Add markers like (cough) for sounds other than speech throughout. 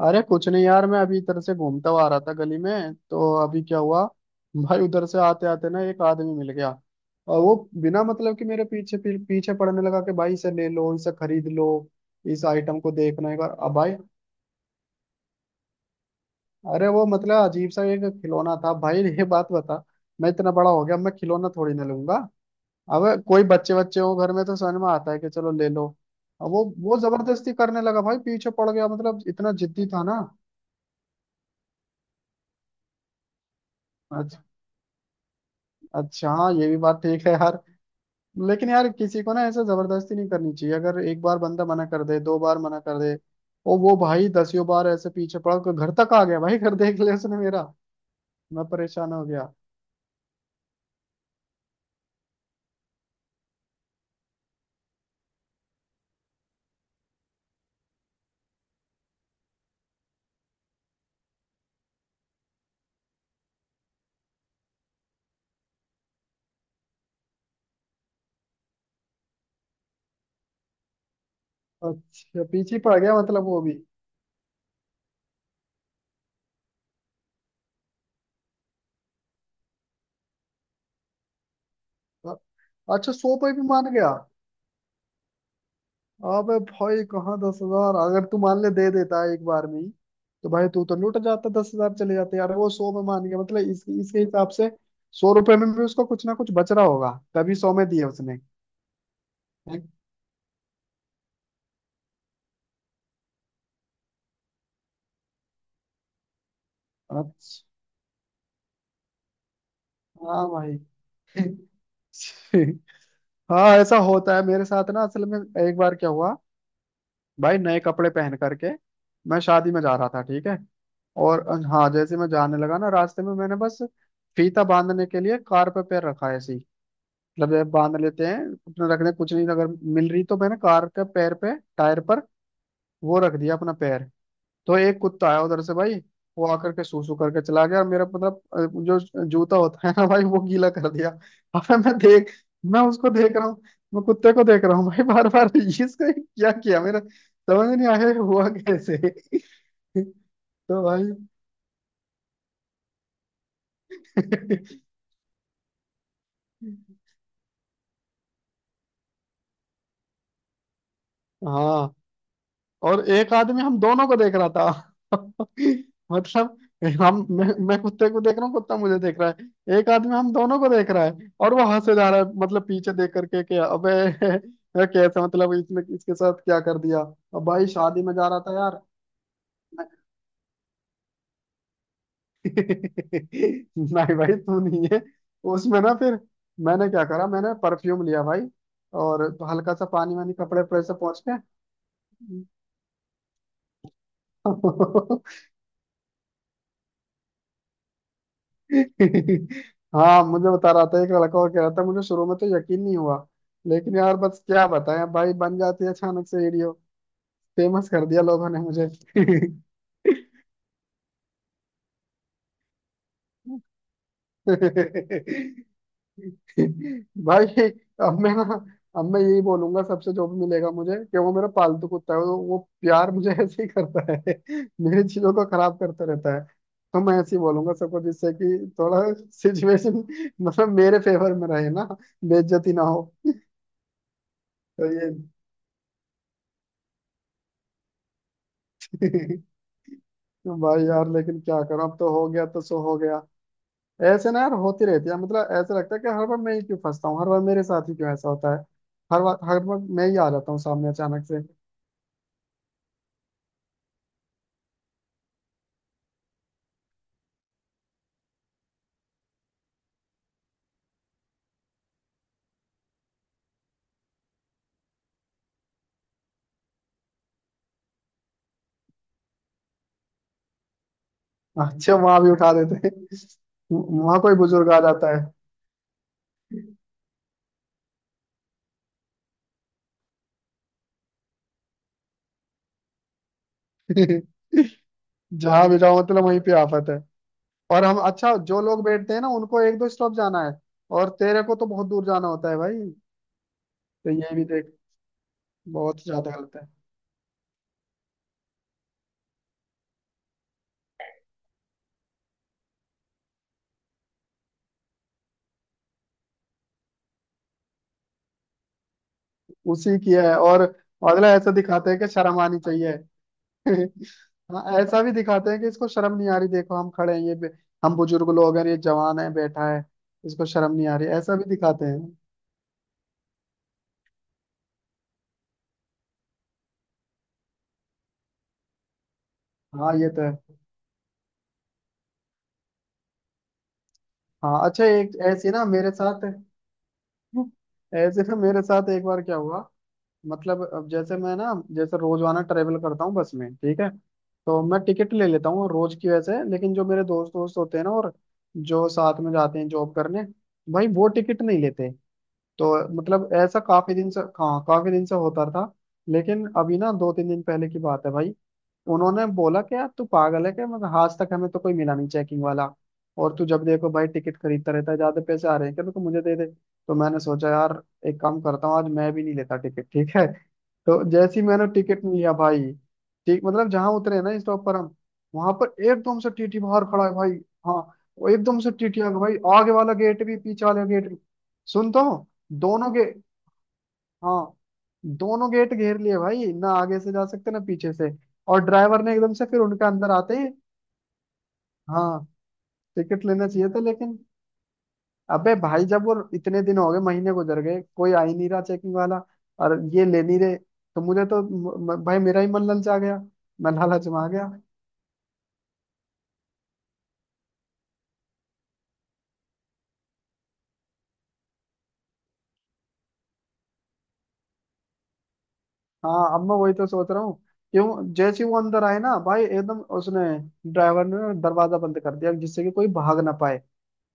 अरे कुछ नहीं यार, मैं अभी इधर से घूमता हुआ आ रहा था गली में। तो अभी क्या हुआ भाई, उधर से आते आते ना एक आदमी मिल गया। और वो बिना मतलब कि मेरे पीछे पीछे पड़ने लगा कि भाई इसे ले लो, इसे खरीद लो, इस आइटम को देखना एक बार। अब भाई, अरे वो मतलब अजीब सा एक खिलौना था। भाई ये बात बता, मैं इतना बड़ा हो गया, मैं खिलौना थोड़ी ना लूंगा। अब कोई बच्चे बच्चे हो घर में तो समझ में आता है कि चलो ले लो। अब वो जबरदस्ती करने लगा भाई, पीछे पड़ गया, मतलब इतना जिद्दी था ना। अच्छा। अच्छा हाँ, ये भी बात ठीक है यार। लेकिन यार, किसी को ना ऐसा जबरदस्ती नहीं करनी चाहिए। अगर एक बार बंदा मना कर दे, दो बार मना कर दे। और वो भाई दसियों बार ऐसे पीछे पड़ा कि घर तक आ गया, भाई घर देख लिया उसने मेरा। मैं परेशान हो गया। अच्छा, पीछे ही पड़ गया, मतलब वो भी। अ- अच्छा, सौ पे भी मान गया। अबे भाई, कहाँ 10,000। अगर तू मान ले, दे देता एक बार में ही, तो भाई तू तो लुट जाता, 10,000 चले जाते यार। वो 100 में मान गया, मतलब इसके हिसाब से 100 रुपए में भी उसको कुछ ना कुछ बच रहा होगा, तभी 100 में दिए उसने। अच्छा। हाँ भाई। (laughs) हाँ, ऐसा होता है मेरे साथ ना असल में। एक बार क्या हुआ भाई, नए कपड़े पहन करके मैं शादी में जा रहा था, ठीक है। और हाँ, जैसे मैं जाने लगा ना, रास्ते में मैंने बस फीता बांधने के लिए कार पे पैर रखा है, ऐसे ही। मतलब जब बांध लेते हैं अपने, रखने कुछ नहीं अगर मिल रही। तो मैंने कार के पैर पे, टायर पर वो रख दिया अपना पैर। तो एक कुत्ता आया उधर से भाई। वो आकर के सूसू करके चला गया, और मेरा मतलब जो जूता होता है ना भाई, वो गीला कर दिया। (laughs) अबे मैं उसको देख रहा हूँ, मैं कुत्ते को देख रहा हूँ भाई। बार बार इसको क्या किया मेरा, समझ नहीं आया ये हुआ कैसे। (laughs) तो भाई। (laughs) हाँ, और एक आदमी हम दोनों को देख रहा था। (laughs) मतलब मैं कुत्ते को देख रहा हूँ, कुत्ता मुझे देख रहा है, एक आदमी हम दोनों को देख रहा है और वो हंसे जा रहा है मतलब पीछे देख करके कि अबे, (laughs) ये कैसे मतलब इसने इसके साथ क्या कर दिया। अब भाई शादी में जा रहा था यार। (laughs) नहीं भाई, तू नहीं है उसमें ना। फिर मैंने क्या करा, मैंने परफ्यूम लिया भाई, और हल्का सा पानी वानी कपड़े पर से पहुंच के। (laughs) (laughs) हाँ, मुझे बता रहा था एक लड़का, और कह रहा था। मुझे शुरू में तो यकीन नहीं हुआ, लेकिन यार बस क्या बताएं, अब भाई बन जाती है अचानक से वीडियो। फेमस कर दिया लोगों ने मुझे। (laughs) भाई, अब मैं ना अब मैं यही बोलूंगा सबसे, जो भी मिलेगा मुझे, कि वो मेरा पालतू कुत्ता है, वो प्यार मुझे (laughs) ऐसे ही करता है, मेरी चीजों को खराब करता रहता है। तो मैं ऐसे ही बोलूंगा सबको, जिससे कि थोड़ा (laughs) सिचुएशन मतलब मेरे फेवर में रहे ना, बेइज्जती ना। तो ये। (laughs) भाई यार, लेकिन क्या करूं, अब तो हो गया तो सो हो गया। ऐसे ना यार होती रहती है, मतलब ऐसा लगता है कि हर बार मैं ही क्यों फंसता हूँ, हर बार मेरे साथ ही क्यों ऐसा होता है। हर बार मैं ही आ जाता हूँ सामने अचानक से। अच्छा, वहां भी उठा देते हैं। वहां कोई बुजुर्ग आ जाता है। (laughs) जहां भी जाओ, मतलब वहीं पे आफत है। और हम, अच्छा, जो लोग बैठते हैं ना, उनको 1-2 स्टॉप जाना है, और तेरे को तो बहुत दूर जाना होता है भाई। तो ये भी देख, बहुत ज्यादा गलत है। उसी की है, और मतलब ऐसा दिखाते हैं कि शर्म आनी चाहिए। (laughs) हाँ, ऐसा भी दिखाते हैं कि इसको शर्म नहीं आ रही, देखो हम खड़े हैं, ये हम बुजुर्ग लोग हैं, ये जवान है, बैठा है, इसको शर्म नहीं आ रही, ऐसा भी दिखाते हैं। हाँ, ये तो है। हाँ अच्छा, एक ऐसे ना मेरे साथ। (laughs) ऐसे ना मेरे साथ एक बार क्या हुआ। मतलब अब जैसे मैं ना, जैसे रोजाना ट्रेवल करता हूँ बस में, ठीक है। तो मैं टिकट ले लेता हूँ रोज की वैसे। लेकिन जो मेरे दोस्त दोस्त होते हैं ना, और जो साथ में जाते हैं जॉब करने, भाई वो टिकट नहीं लेते। तो मतलब ऐसा काफी दिन से, हाँ, काफी दिन से होता था। लेकिन अभी ना 2-3 दिन पहले की बात है भाई, उन्होंने बोला कि यार तू पागल है क्या, मतलब आज तक हमें तो कोई मिला नहीं चेकिंग वाला। और तू जब देखो भाई टिकट खरीदता रहता है, ज्यादा पैसे आ रहे हैं क्या, तो तू मुझे दे दे। तो मैंने सोचा यार, एक काम करता हूँ, आज मैं भी नहीं लेता टिकट, ठीक है। तो जैसे ही मैंने टिकट लिया भाई, ठीक मतलब जहां उतरे ना स्टॉप पर हम, वहां पर एकदम से टीटी बाहर खड़ा है भाई। हाँ, वो एकदम से टीटी आ गया भाई, आगे वाला गेट भी, पीछे वाला गेट भी। सुन तो, दोनों के, हाँ, दोनों गेट घेर लिए भाई, ना आगे से जा सकते ना पीछे से। और ड्राइवर ने एकदम से फिर उनके अंदर आते ही। हाँ, टिकट लेना चाहिए था, लेकिन अबे भाई, जब वो इतने दिन हो गए, महीने गुजर गए कोई आ ही नहीं रहा चेकिंग वाला, और ये ले नहीं रहे, तो मुझे तो म, म- भाई मेरा ही मन ललचा गया, मैं लालच में आ गया। हाँ, अब मैं वही तो सोच रहा हूँ, क्यों जैसे ही वो अंदर आए ना भाई, एकदम उसने, ड्राइवर ने दरवाजा बंद कर दिया, जिससे कि कोई भाग ना पाए,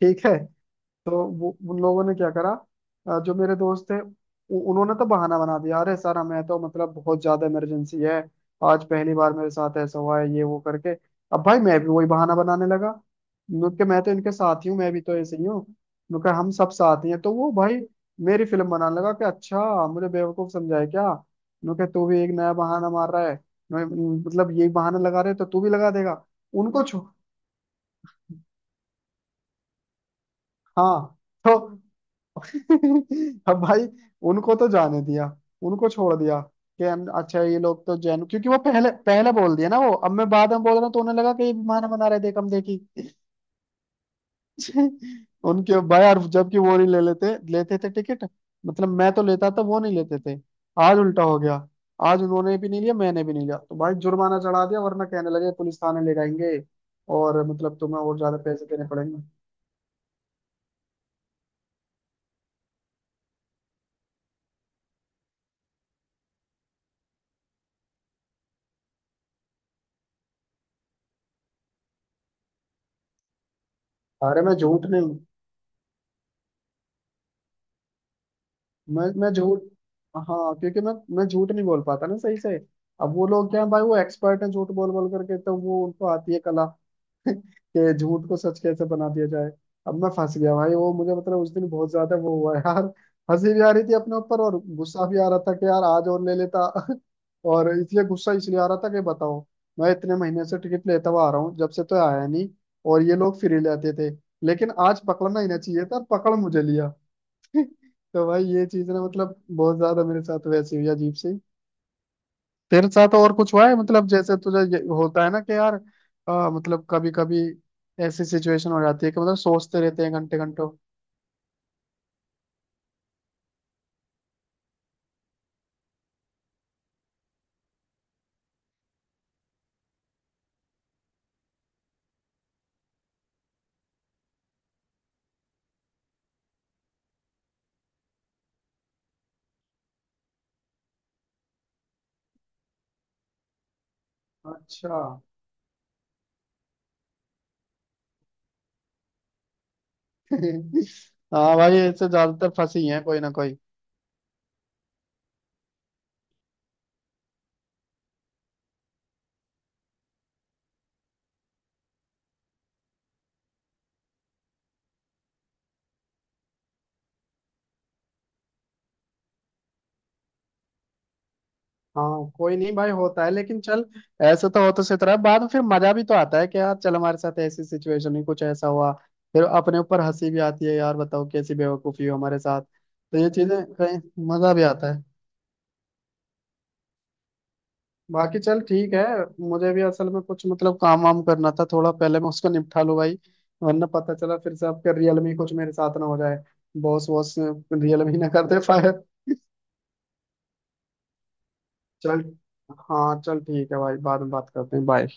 ठीक है। तो वो उन लोगों ने क्या करा, जो मेरे दोस्त थे, उन्होंने तो बहाना बना दिया, अरे सर, हमें तो मतलब बहुत ज्यादा इमरजेंसी है, आज पहली बार मेरे साथ ऐसा हुआ है, ये वो करके। अब भाई मैं भी वही बहाना बनाने लगा, क्योंकि मैं तो इनके साथ ही हूँ, मैं भी तो ऐसे ही हूँ, क्योंकि हम सब साथ ही हैं। तो वो भाई मेरी फिल्म बनाने लगा कि अच्छा, मुझे बेवकूफ समझाए क्या, उन्होंने कहा, तू भी एक नया बहाना मार रहा है। मैं- मतलब यही बहाना लगा रहे तो तू भी लगा देगा। उनको छो हाँ, तो अब भाई उनको तो जाने दिया, उनको छोड़ दिया, कि हम अच्छा ये लोग तो जैन, क्योंकि वो पहले पहले बोल दिया ना, वो अब मैं बाद में बोल रहा हूँ, तो उन्हें लगा कि ये भी बहाना बना रहे, देख हम देखी। (laughs) उनके भाई, और जबकि वो नहीं ले लेते लेते थे टिकट, मतलब मैं तो लेता था, वो नहीं लेते थे। आज उल्टा हो गया, आज उन्होंने भी नहीं लिया, मैंने भी नहीं लिया, तो भाई जुर्माना चढ़ा दिया, वरना कहने लगे पुलिस थाने ले जाएंगे और मतलब तुम्हें और ज्यादा पैसे देने पड़ेंगे। अरे मैं झूठ नहीं, मैं झूठ। हाँ, क्योंकि मैं झूठ नहीं बोल पाता ना सही से। अब वो लोग क्या है भाई, वो एक्सपर्ट हैं झूठ बोल बोल करके, तो वो उनको आती है कला (laughs) कि झूठ को सच कैसे बना दिया जाए। अब मैं फंस गया भाई, वो मुझे मतलब उस दिन बहुत ज्यादा वो हुआ यार। हंसी भी आ रही थी अपने ऊपर, और गुस्सा भी आ रहा था कि यार, आज और ले लेता। (laughs) और इसलिए गुस्सा इसलिए आ रहा था कि बताओ, मैं इतने महीने से टिकट लेता हुआ आ रहा हूँ, जब से तो आया नहीं, और ये लोग फ्री लेते थे, लेकिन आज पकड़ना ही ना चाहिए था, पकड़ मुझे लिया। (laughs) तो भाई, ये चीज ना मतलब बहुत ज्यादा मेरे साथ वैसे हुई अजीब सी। तेरे साथ और कुछ हुआ है, मतलब जैसे तुझे ये होता है ना कि यार, मतलब कभी कभी ऐसी सिचुएशन हो जाती है कि मतलब सोचते रहते हैं घंटे घंटों। अच्छा। (laughs) हाँ भाई, ऐसे ज्यादातर फंसी हैं कोई ना कोई। हाँ कोई नहीं भाई, होता है, लेकिन चल ऐसे तो होते से तरह। बाद में फिर मजा भी तो आता है, कि यार चल हमारे साथ ऐसी सिचुएशन में कुछ ऐसा हुआ, फिर अपने ऊपर हंसी भी आती है यार। बताओ कैसी बेवकूफी हो हमारे साथ। तो ये चीजें कहीं मजा भी आता है। बाकी चल ठीक है, मुझे भी असल में कुछ मतलब काम वाम करना था थोड़ा, पहले मैं उसको निपटा लूँ भाई, वरना पता चला फिर से आपके रियल में कुछ मेरे साथ ना हो जाए, बॉस बॉस रियल में ही ना कर दे फायर। चल, हाँ चल ठीक है भाई, बाद में बात करते हैं, बाय।